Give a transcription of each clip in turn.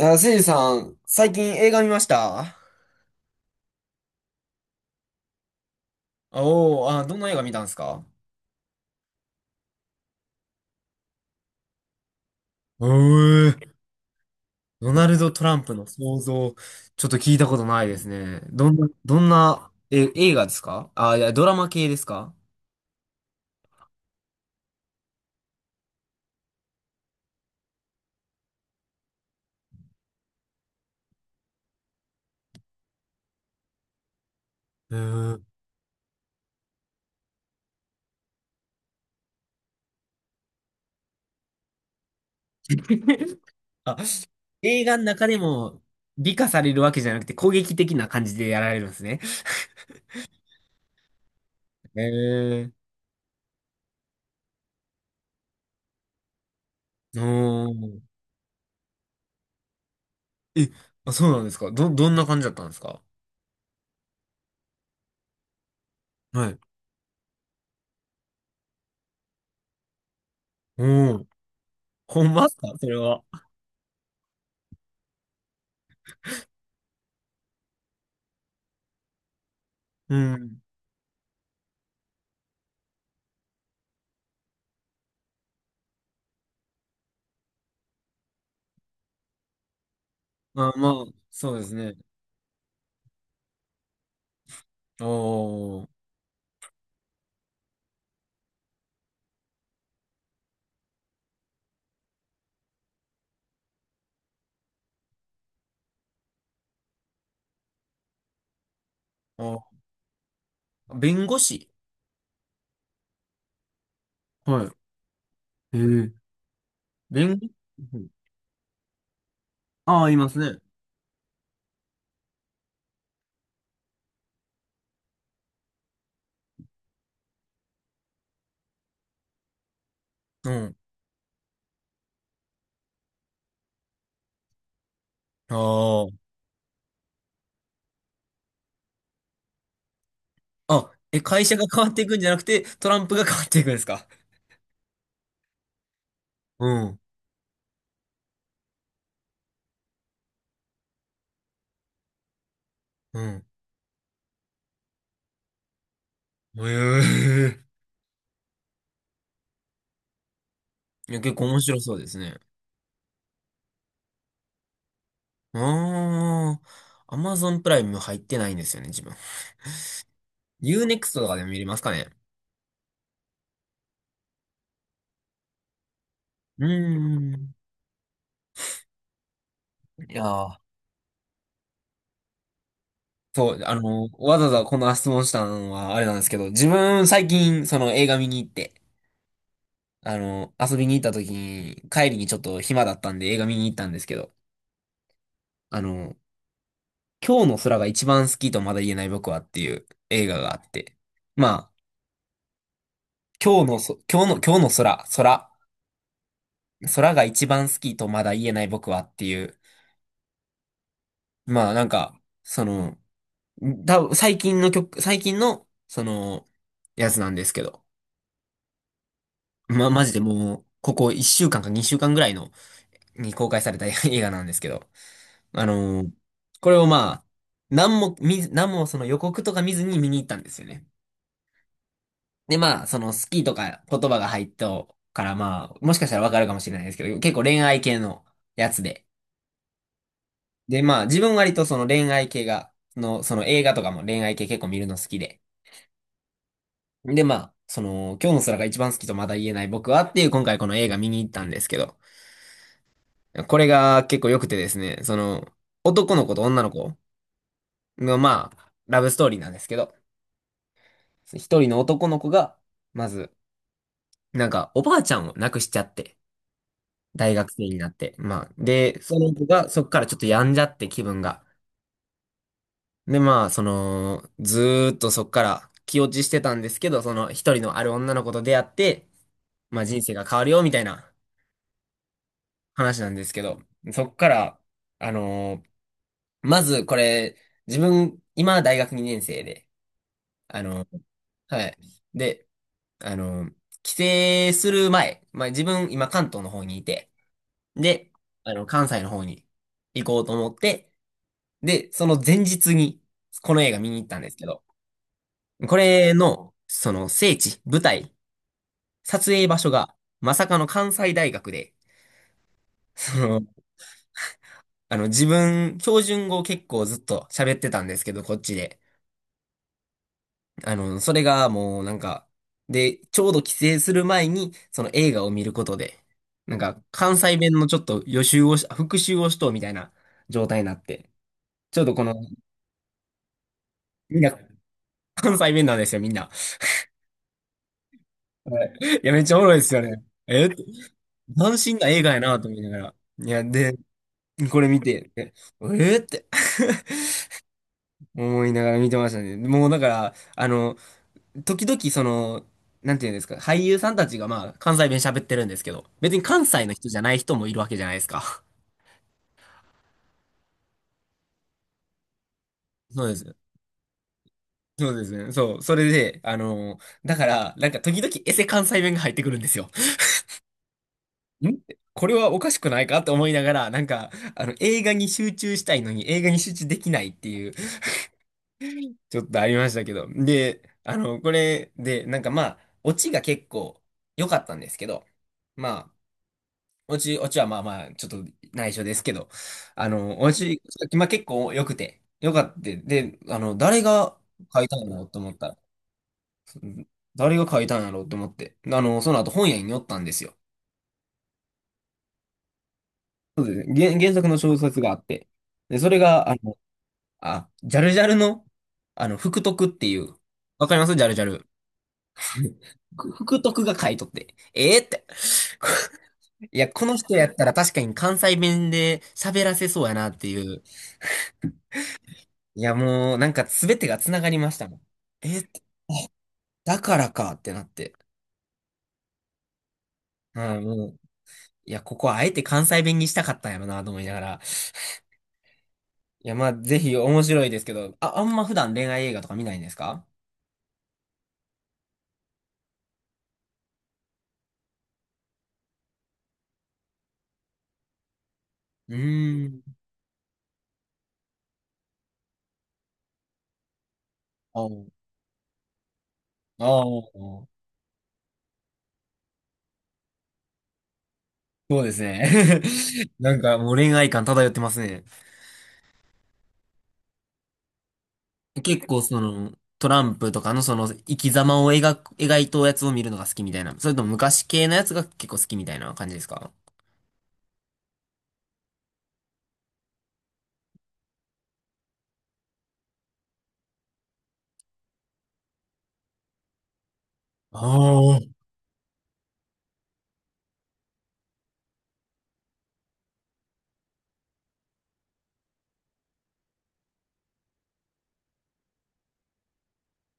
あ、せいじさん、最近映画見ました？おおー、あ、どんな映画見たんですか？うー、ドナルド・トランプの想像、ちょっと聞いたことないですね。どんな、映画ですか？あ、いや、ドラマ系ですか？うーん。あ、映画の中でも美化されるわけじゃなくて攻撃的な感じでやられるんですね。へえ。おー。え、あ、そうなんですか？どんな感じだったんですか？はい。おー。ほんまっすか、それは？うん。あ、まあ、そうですね。おー、あ、弁護士。はい。弁護士。ああ、いますね。うん。ああ。あ、え、会社が変わっていくんじゃなくて、トランプが変わっていくんですか？うん。うん。ええ。いや、結構面白そうですね。ああ。アマゾンプライム入ってないんですよね、自分。U-NEXT とかでも見れますかね？うーん。いやー。そう、わざわざこの質問したのはあれなんですけど、自分最近その映画見に行って、遊びに行った時に、帰りにちょっと暇だったんで映画見に行ったんですけど、あの、今日の空が一番好きとまだ言えない僕はっていう映画があって、まあ、今日のそ、今日の、今日の空、空が一番好きとまだ言えない僕はっていう、まあなんか、多分最近の曲、最近の、やつなんですけど、ま、マジでもう、ここ1週間か2週間ぐらいのに公開された 映画なんですけど、あのーこれをまあ、何も見ず、何もその予告とか見ずに見に行ったんですよね。でまあ、その好きとか言葉が入ったからまあ、もしかしたらわかるかもしれないですけど、結構恋愛系のやつで。でまあ、自分割とその恋愛系が、その映画とかも恋愛系結構見るの好きで。でまあ、今日の空が一番好きとまだ言えない僕はっていう今回この映画見に行ったんですけど、これが結構良くてですね、男の子と女の子の、まあ、ラブストーリーなんですけど、一人の男の子が、まず、なんか、おばあちゃんを亡くしちゃって、大学生になって、まあ、で、その子がそっからちょっと病んじゃって気分が。で、まあ、ずーっとそっから気落ちしてたんですけど、その一人のある女の子と出会って、まあ人生が変わるよ、みたいな話なんですけど、そっから、あのーまずこれ、自分、今大学2年生で、あのーはい。であの、帰省する前、まあ自分今関東の方にいて、で、関西の方に行こうと思って、で、その前日にこの映画見に行ったんですけど、これの、その聖地、舞台、撮影場所が、まさかの関西大学で、その、自分、標準語を結構ずっと喋ってたんですけど、こっちで。それがもうなんか、で、ちょうど帰省する前に、その映画を見ることで、なんか関西弁のちょっと予習をし、復習をしとうみたいな状態になって、ちょっとこの、みんな関西弁なんですよ、みんな。はいいや、めっちゃおもろいですよね。えって斬新な映画やなと思いながら。いや、で、これ見て、ええって 思いながら見てましたね。もうだから、時々なんていうんですか、俳優さんたちがまあ関西弁喋ってるんですけど、別に関西の人じゃない人もいるわけじゃないですか。そうです。そうですね。そう。それで、だから、なんか時々エセ関西弁が入ってくるんですよ。んこれはおかしくないかと思いながら、なんか、映画に集中したいのに映画に集中できないっていう、ちょっとありましたけど。で、これで、なんかまあ、オチが結構良かったんですけど、まあ、おちはまあまあ、ちょっと内緒ですけど、あの、おち、今結構良くて、良かった。で、誰が書いたんだろうと思ったら、うん誰が書いたんやろうと思って、その後本屋に寄ったんですよ。そうですね。原作の小説があって、で、それが、あ、ジャルジャルの、福徳っていう、わかりますジャルジャル？福徳が書いとって、ええって。いや、この人やったら確かに関西弁で喋らせそうやなっていう、いや、もう、なんか全てが繋がりまたもん。え、だからかってなって。うん、もう、いや、ここはあえて関西弁にしたかったんやろなと思いながら。いや、まあ、ぜひ面白いですけど、あ、あんま普段恋愛映画とか見ないんですか？うーん。ああ、あーそうですね。なんかもう恋愛感漂ってますね。結構トランプとかのその生き様を描く、描いたやつを見るのが好きみたいな。それとも昔系のやつが結構好きみたいな感じですか？ああー。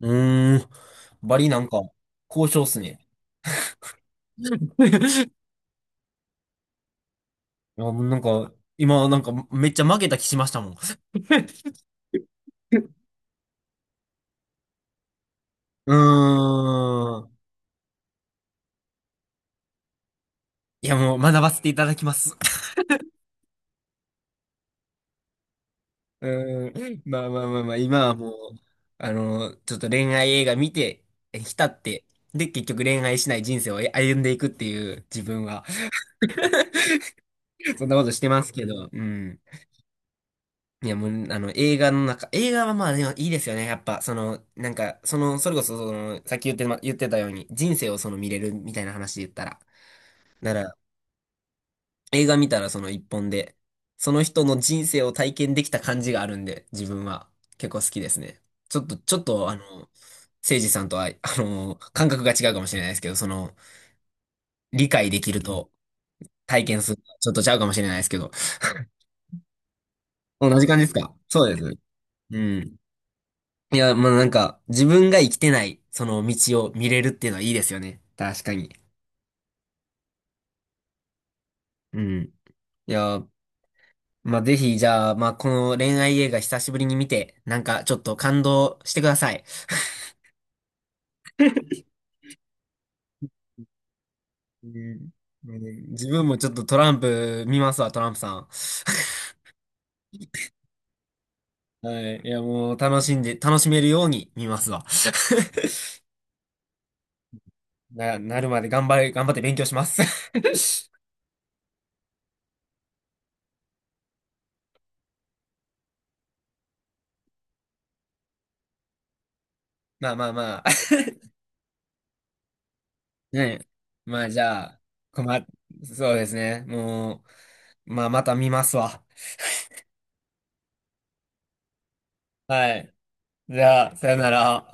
うーん。バリなんか、交渉っすね。いや、もうなんか、今なんかめっちゃ負けた気しましたもん。うーん。いや、もう学ばせていただきます。うーん。まあまあまあまあ、今はもう、ちょっと恋愛映画見て、浸って、で、結局恋愛しない人生を歩んでいくっていう自分は、そんなことしてますけど、うん。いや、もう、映画はまあでもいいですよね。やっぱ、それこそ、さっき言って、ま、言ってたように、人生をその見れるみたいな話で言ったら。なら、映画見たらその一本で、その人の人生を体験できた感じがあるんで、自分は結構好きですね。ちょっと、誠司さんとは、感覚が違うかもしれないですけど、理解できると体験する、ちょっとちゃうかもしれないですけど。同じ感じですか？そうです。うん。いや、まあなんか、自分が生きてない、その道を見れるっていうのはいいですよね。確かに。うん。いや、まあぜひ、じゃあ、まあこの恋愛映画久しぶりに見て、なんかちょっと感動してください。うん。うん自分もちょっとトランプ見ますわ、トランプさん。はい。いや、もう楽しんで、楽しめるように見ますわ。なるまで頑張れ、頑張って勉強します。まあまあまあ。ねえ。まあじゃあ、困っ、そうですね。もう、まあ、また見ますわ。はい。じゃあ、さよなら。